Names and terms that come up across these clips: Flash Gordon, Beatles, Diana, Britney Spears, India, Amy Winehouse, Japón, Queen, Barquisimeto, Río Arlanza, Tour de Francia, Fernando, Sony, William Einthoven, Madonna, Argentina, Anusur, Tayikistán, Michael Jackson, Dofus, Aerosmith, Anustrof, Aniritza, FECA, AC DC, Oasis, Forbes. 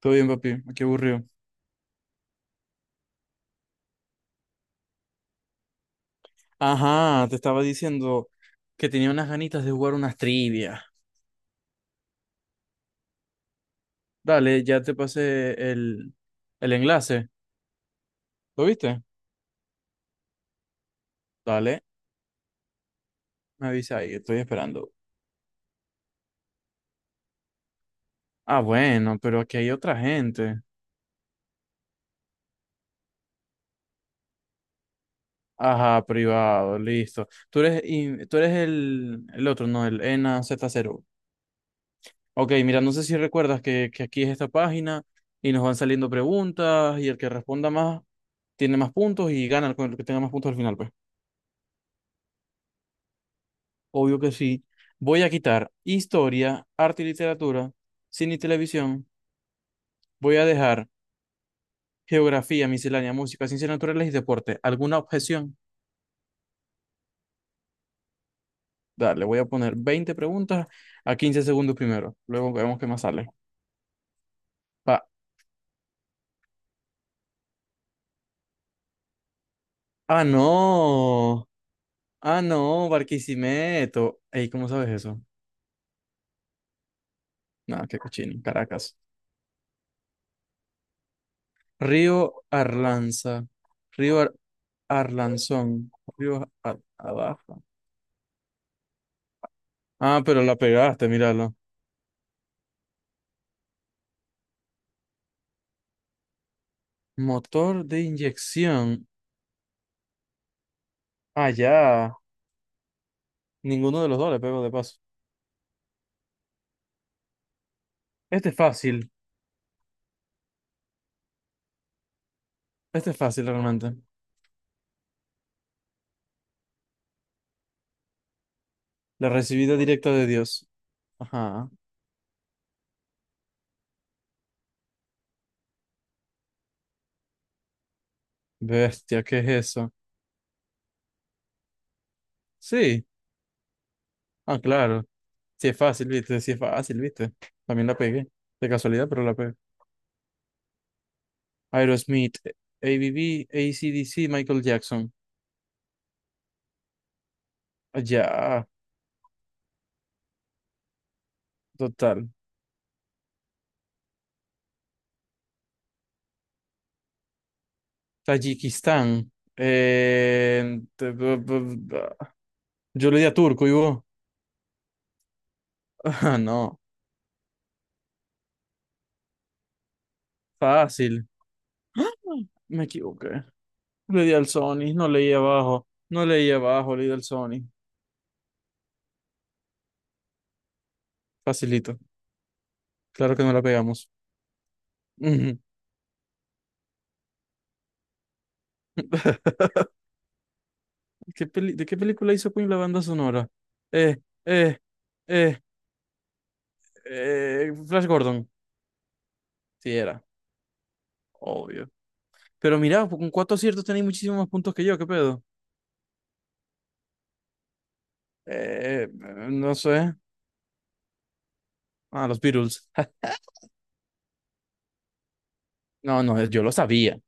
Todo bien, papi. Qué aburrido. Ajá, te estaba diciendo que tenía unas ganitas de jugar unas trivias. Dale, ya te pasé el enlace. ¿Lo viste? Dale, me avisa ahí, estoy esperando. Ah, bueno, pero aquí hay otra gente. Ajá, privado, listo. Tú eres el otro, no, el ENAz0 z cero. Ok, mira, no sé si recuerdas que aquí es esta página y nos van saliendo preguntas, y el que responda más tiene más puntos y gana el con el que tenga más puntos al final, pues. Obvio que sí. Voy a quitar historia, arte y literatura, cine y televisión. Voy a dejar geografía, miscelánea, música, ciencias naturales y deporte. ¿Alguna objeción? Dale, voy a poner 20 preguntas a 15 segundos primero. Luego vemos qué más sale. Pa- ah, no. Ah, no, Barquisimeto. Ey, ¿cómo sabes eso? Nada, qué cochino. Caracas. Río Arlanza. Río Ar- Arlanzón. Abajo. Ah, pero la pegaste, míralo. Motor de inyección. Ah, ya. Ninguno de los dos le pego de paso. Este es fácil. Este es fácil realmente. La recibida directa de Dios. Ajá. Bestia, ¿qué es eso? Sí. Ah, claro. Sí es fácil, viste. Sí es fácil, viste. También la pegué. De casualidad, pero la pegué. Aerosmith, A B B, A C D C, Michael Jackson. Ah, ya. Total. Tayikistán. Yo le di a turco y vos. Ah, no. Fácil. ¡Ah! Me equivoqué. Le di al Sony, no leí abajo. No leí abajo, le di al Sony. Facilito. Claro que no la pegamos. Ujú. ¿De qué película hizo Queen la banda sonora? Eh, eh, eh, Flash Gordon. Sí, era. Obvio. Pero mira, con cuatro aciertos tenéis muchísimos más puntos que yo, ¿qué pedo? Eh, no sé. Ah, los Beatles. No, no, yo lo sabía.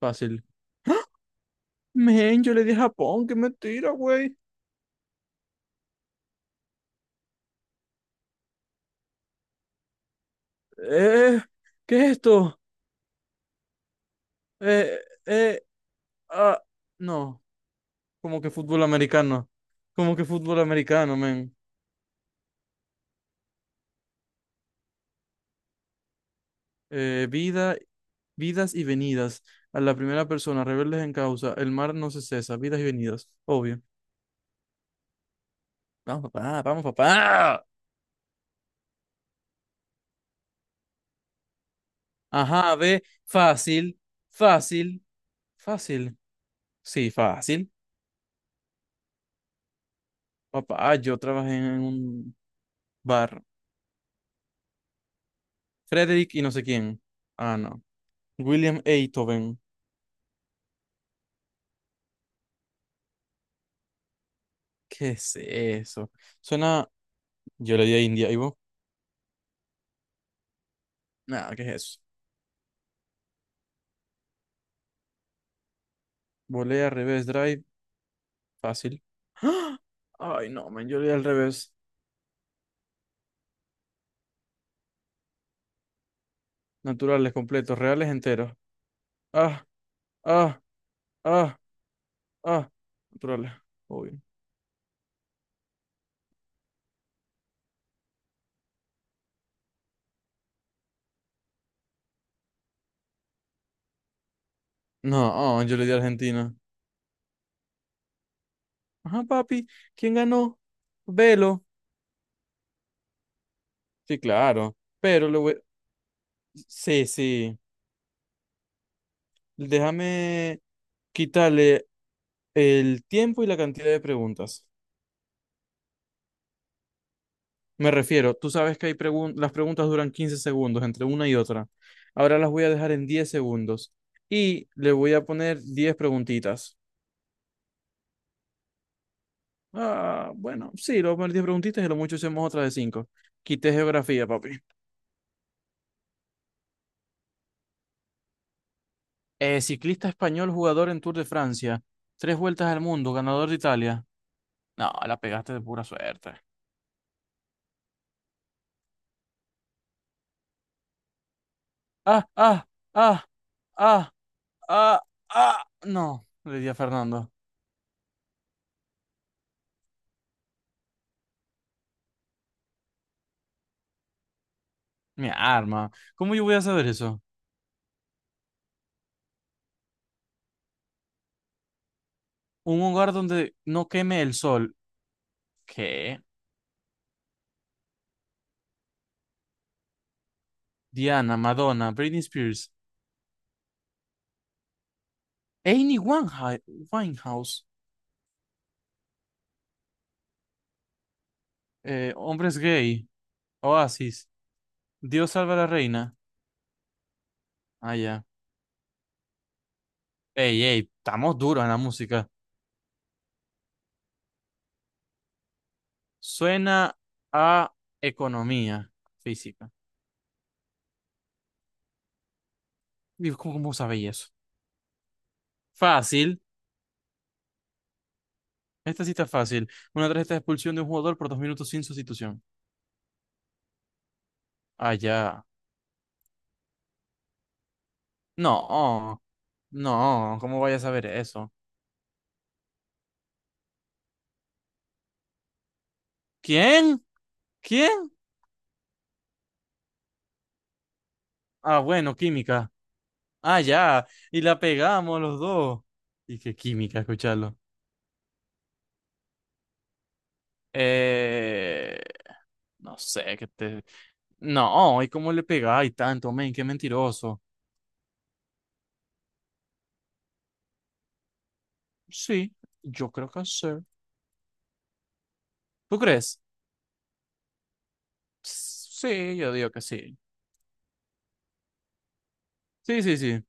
Fácil. Men, yo le di a Japón, que mentira, güey. Eh, ¿Qué es esto? Eh, eh, ah, no, como que fútbol americano, como que fútbol americano, men. Eh, vida, Vidas y venidas. A la primera persona, rebeldes en causa, el mar no se cesa, vidas y venidas, obvio. Vamos, papá, vamos, papá. Ajá, ve, fácil, fácil, fácil. Sí, fácil. Papá, yo trabajé en un bar. Frederick y no sé quién. Ah, no. William Einthoven. ¿Qué es eso? Suena. Yo le di a India, ¿y vos? Nada, ¿qué es eso? Volea, revés, drive, fácil. ¡Ah! Ay, no, man, yo le di al revés. Naturales, completos, reales, enteros. Ah, ah, ah, ah. Naturales, obvio. No, ah, yo le di a Argentina. Ajá, papi, ¿quién ganó? Velo. Sí, claro, pero le voy. Sí, sí. Déjame quitarle el tiempo y la cantidad de preguntas. Me refiero, tú sabes que hay las preguntas duran 15 segundos entre una y otra. Ahora las voy a dejar en 10 segundos y le voy a poner 10 preguntitas. Ah, bueno, sí, le voy a poner 10 preguntitas y lo mucho hacemos otra de cinco. Quité geografía, papi. Ciclista español, jugador en Tour de Francia. Tres vueltas al mundo, ganador de Italia. No, la pegaste de pura suerte. Ah, ah, ah, ah, ah, ah. No, le di a Fernando. Mi arma. ¿Cómo yo voy a saber eso? Un hogar donde no queme el sol. ¿Qué? Diana, Madonna, Britney Spears, Amy Winehouse. Hombres gay, Oasis, Dios salva a la reina. Ah, ya. Ey, ey, estamos duros en la música. Suena a economía física. Digo, ¿Cómo sabéis eso? Fácil. Esta sí está fácil. Una tarjeta de expulsión de un jugador por 2 minutos sin sustitución. Ah, ya. No, no, ¿cómo vaya a saber eso? ¿Quién? ¿Quién? Ah, bueno, química. Ah, ya. Y la pegamos los dos. Y qué química, escucharlo. Eh, no sé, que te... No, ¿y cómo le pegáis tanto, men? Qué mentiroso. Sí, yo creo que sí. ¿Tú crees? Sí, yo digo que sí. Sí, sí, sí.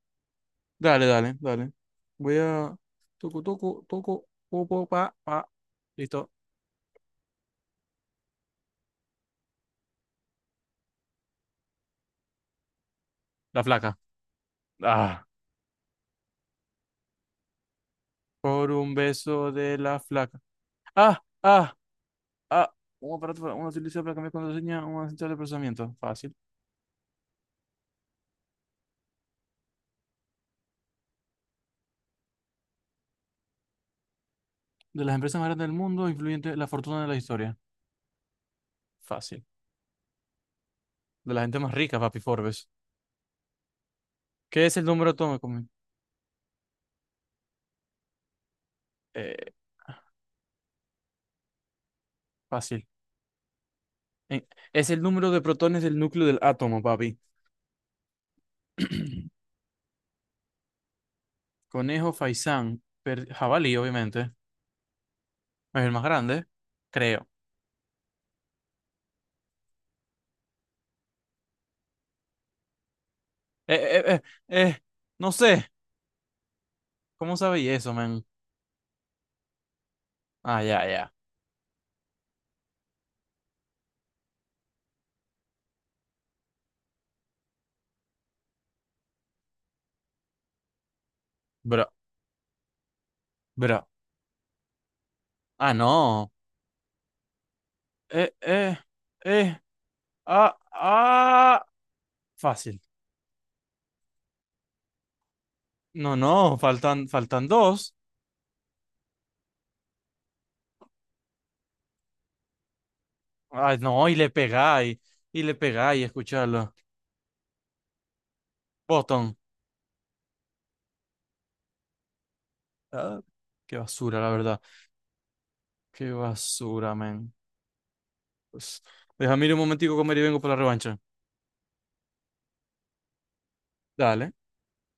Dale, dale, dale. Voy a... Toco, toco, toco, popo, pa, pa. Listo. La flaca. Ah. Por un beso de la flaca. Ah, ah. A. Un aparato para una utiliza para cambiar contraseña, un asistente de procesamiento. Fácil. De las empresas más grandes del mundo, influyente la fortuna de la historia. Fácil. De la gente más rica, papi Forbes. ¿Qué es el número atómico? Men? Eh, Fácil. Eh, es el número de protones del núcleo del átomo, papi. Conejo, faisán, jabalí, obviamente. Es el más grande, creo. Eh, eh, eh, eh, eh, no sé. ¿Cómo sabéis eso, man? Ah, ya, ya. Bro, bro. Ah, no. Eh, eh, eh. Ah, ah, fácil. No, no, faltan dos. Ay, no, y le pegáis, escucharlo. Botón. Ah, qué basura, la verdad. Qué basura, men. Pues, déjame ir un momentico a comer y vengo por la revancha. Dale.